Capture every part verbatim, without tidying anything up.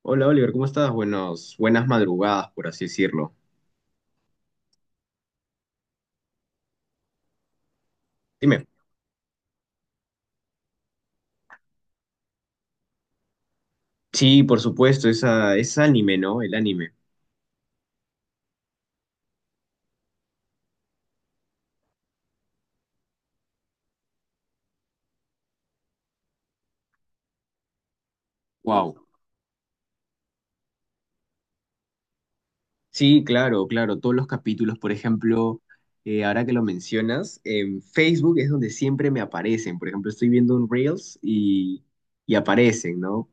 Hola Oliver, ¿cómo estás? Buenos, buenas madrugadas, por así decirlo. Dime. Sí, por supuesto, esa, es anime, ¿no? El anime. Wow. Sí, claro, claro. Todos los capítulos, por ejemplo, eh, ahora que lo mencionas, en Facebook es donde siempre me aparecen. Por ejemplo, estoy viendo un Reels y, y aparecen, ¿no?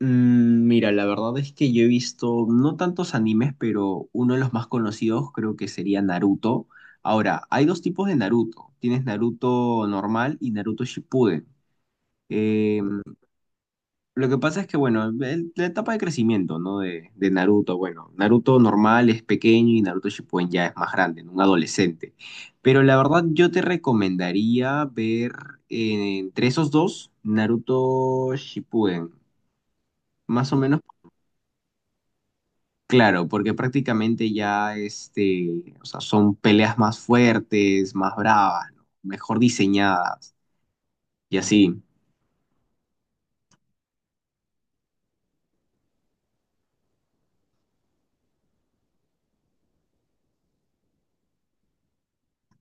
Mm, mira, la verdad es que yo he visto no tantos animes, pero uno de los más conocidos creo que sería Naruto. Ahora, hay dos tipos de Naruto. Tienes Naruto normal y Naruto Shippuden. Eh, lo que pasa es que, bueno, el- la etapa de crecimiento, ¿no? De, de Naruto, bueno, Naruto normal es pequeño y Naruto Shippuden ya es más grande, ¿no? Un adolescente. Pero la verdad yo te recomendaría ver eh, entre esos dos, Naruto Shippuden. Más o menos. Claro, porque prácticamente ya este, o sea, son peleas más fuertes, más bravas, ¿no? Mejor diseñadas y así.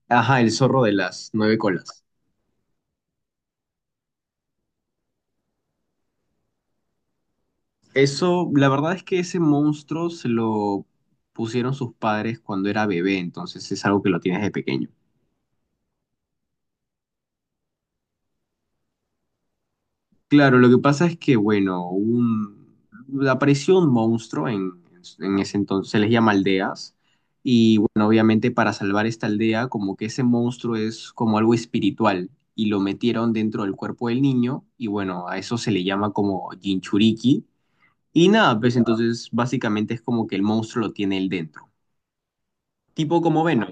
Ajá, el zorro de las nueve colas. Eso, la verdad es que ese monstruo se lo pusieron sus padres cuando era bebé, entonces es algo que lo tienes de pequeño. Claro, lo que pasa es que, bueno, un, apareció un monstruo en, en ese entonces, se les llama aldeas, y bueno, obviamente para salvar esta aldea, como que ese monstruo es como algo espiritual, y lo metieron dentro del cuerpo del niño, y bueno, a eso se le llama como Jinchuriki, y nada, pues entonces básicamente es como que el monstruo lo tiene él dentro, tipo como Venom.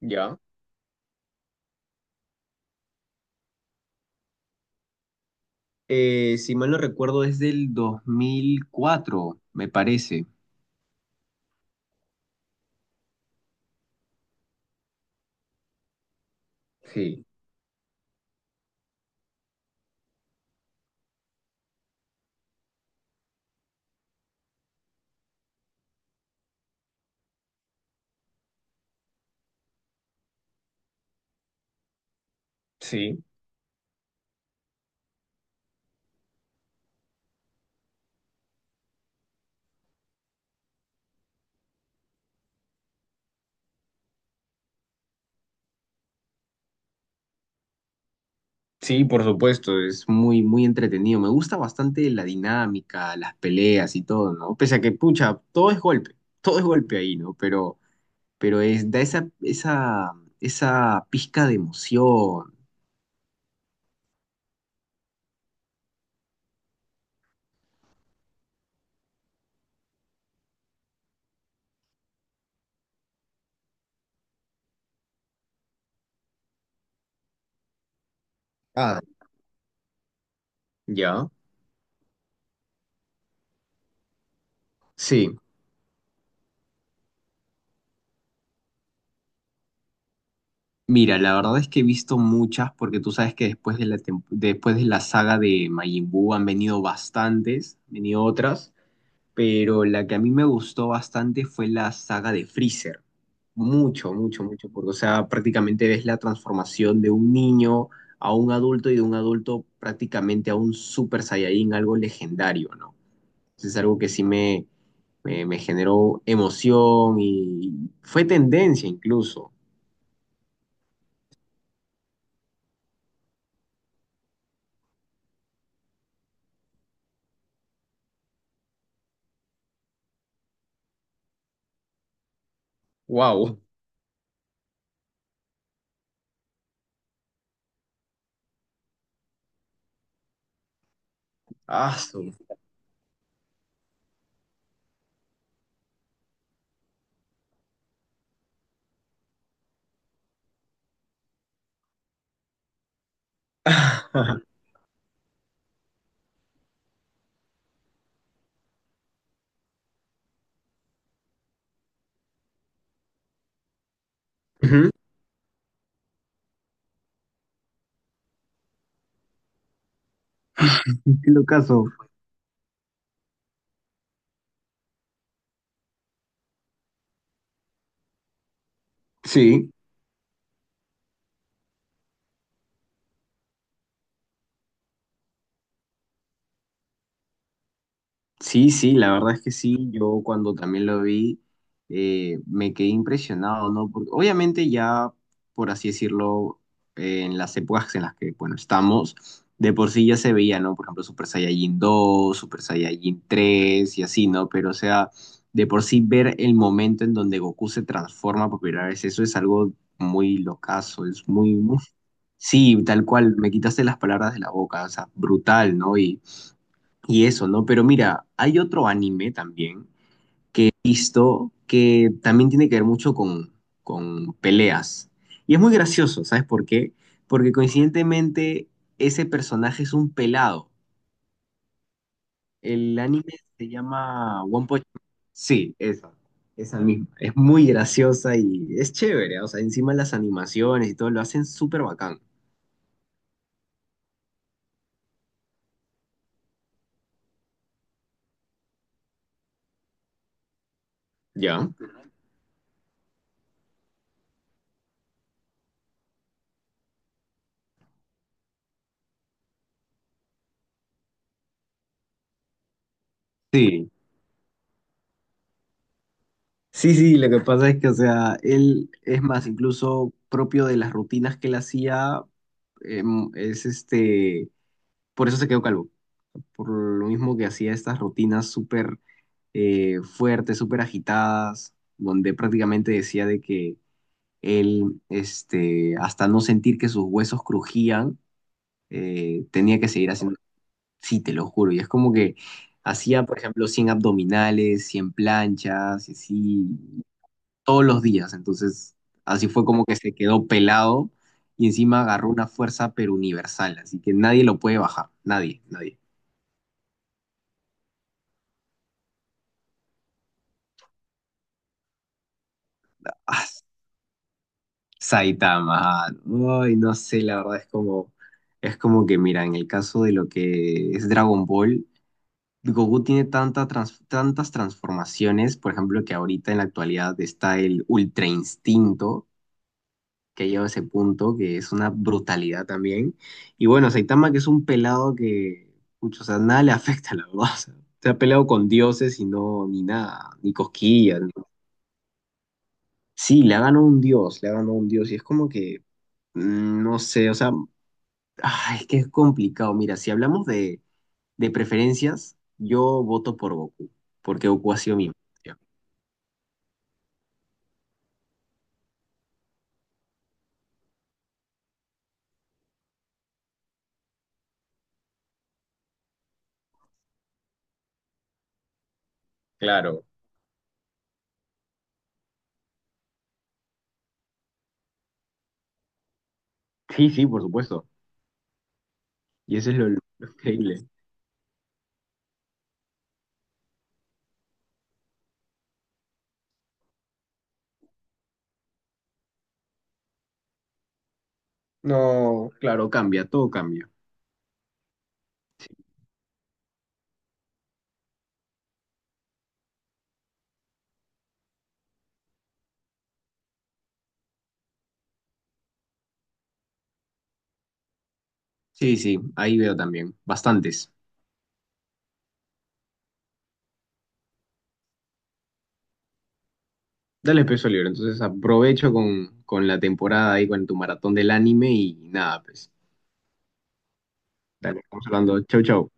Ya. Eh, si mal no recuerdo, es del dos mil cuatro me parece. Sí. Sí. Sí, por supuesto, es muy, muy entretenido. Me gusta bastante la dinámica, las peleas y todo, ¿no? Pese a que, pucha, todo es golpe, todo es golpe ahí, ¿no? Pero, pero es, da esa, esa, esa pizca de emoción. Ah, ¿ya? Sí. Mira, la verdad es que he visto muchas, porque tú sabes que después de la, tem- después de la saga de Majin Buu han venido bastantes, han venido otras. Pero la que a mí me gustó bastante fue la saga de Freezer. Mucho, mucho, mucho, porque, o sea, prácticamente ves la transformación de un niño a un adulto y de un adulto prácticamente a un Super Saiyajin, algo legendario, ¿no? Entonces es algo que sí me, me, me generó emoción y fue tendencia incluso. ¡Wow! ¡Aso! Ujú. En todo caso, sí. Sí, sí, la verdad es que sí, yo cuando también lo vi eh, me quedé impresionado, ¿no? Porque obviamente ya, por así decirlo, eh, en las épocas en las que, bueno, estamos, de por sí ya se veía, ¿no? Por ejemplo, Super Saiyajin dos, Super Saiyajin tres y así, ¿no? Pero o sea, de por sí ver el momento en donde Goku se transforma por primera vez, eso es algo muy locazo, es muy, muy... Sí, tal cual, me quitaste las palabras de la boca, o sea, brutal, ¿no? Y y eso, ¿no? Pero mira, hay otro anime también que he visto que también tiene que ver mucho con, con peleas. Y es muy gracioso, ¿sabes por qué? Porque coincidentemente ese personaje es un pelado. El anime se llama One Punch Man. Sí, esa, esa misma. Es muy graciosa y es chévere. O sea, encima las animaciones y todo lo hacen súper bacán. ¿Ya? Sí. Sí, sí, lo que pasa es que, o sea, él es más incluso propio de las rutinas que él hacía, em, es este, por eso se quedó calvo, por lo mismo que hacía estas rutinas súper eh, fuertes, súper agitadas, donde prácticamente decía de que él, este, hasta no sentir que sus huesos crujían, eh, tenía que seguir haciendo, sí, te lo juro, y es como que hacía, por ejemplo, cien abdominales, cien planchas, y así, todos los días. Entonces, así fue como que se quedó pelado y encima agarró una fuerza pero universal, así que nadie lo puede bajar, nadie, nadie. Ah, Saitama, ay, no sé, la verdad es como, es como que, mira, en el caso de lo que es Dragon Ball, Goku tiene tanta trans- tantas transformaciones, por ejemplo, que ahorita en la actualidad está el Ultra Instinto, que ha llegado a ese punto, que es una brutalidad también. Y bueno, Saitama, que es un pelado que, pucho, o sea, nada le afecta, la verdad. O sea, se ha peleado con dioses y no, ni nada, ni cosquillas. Ni- sí, le ha ganado un dios, le ha ganado un dios. Y es como que, mm, no sé, o sea, ah, es que es complicado. Mira, si hablamos de, de preferencias, yo voto por Goku, porque Goku ha sido mi... infancia. Claro. Sí, sí, por supuesto. Y eso es lo, lo increíble. No, claro, cambia, todo cambia. Sí, sí, ahí veo también, bastantes. Dale peso al libro, entonces aprovecho con, con la temporada ahí, con tu maratón del anime y nada, pues, dale, estamos hablando. Chau, chau.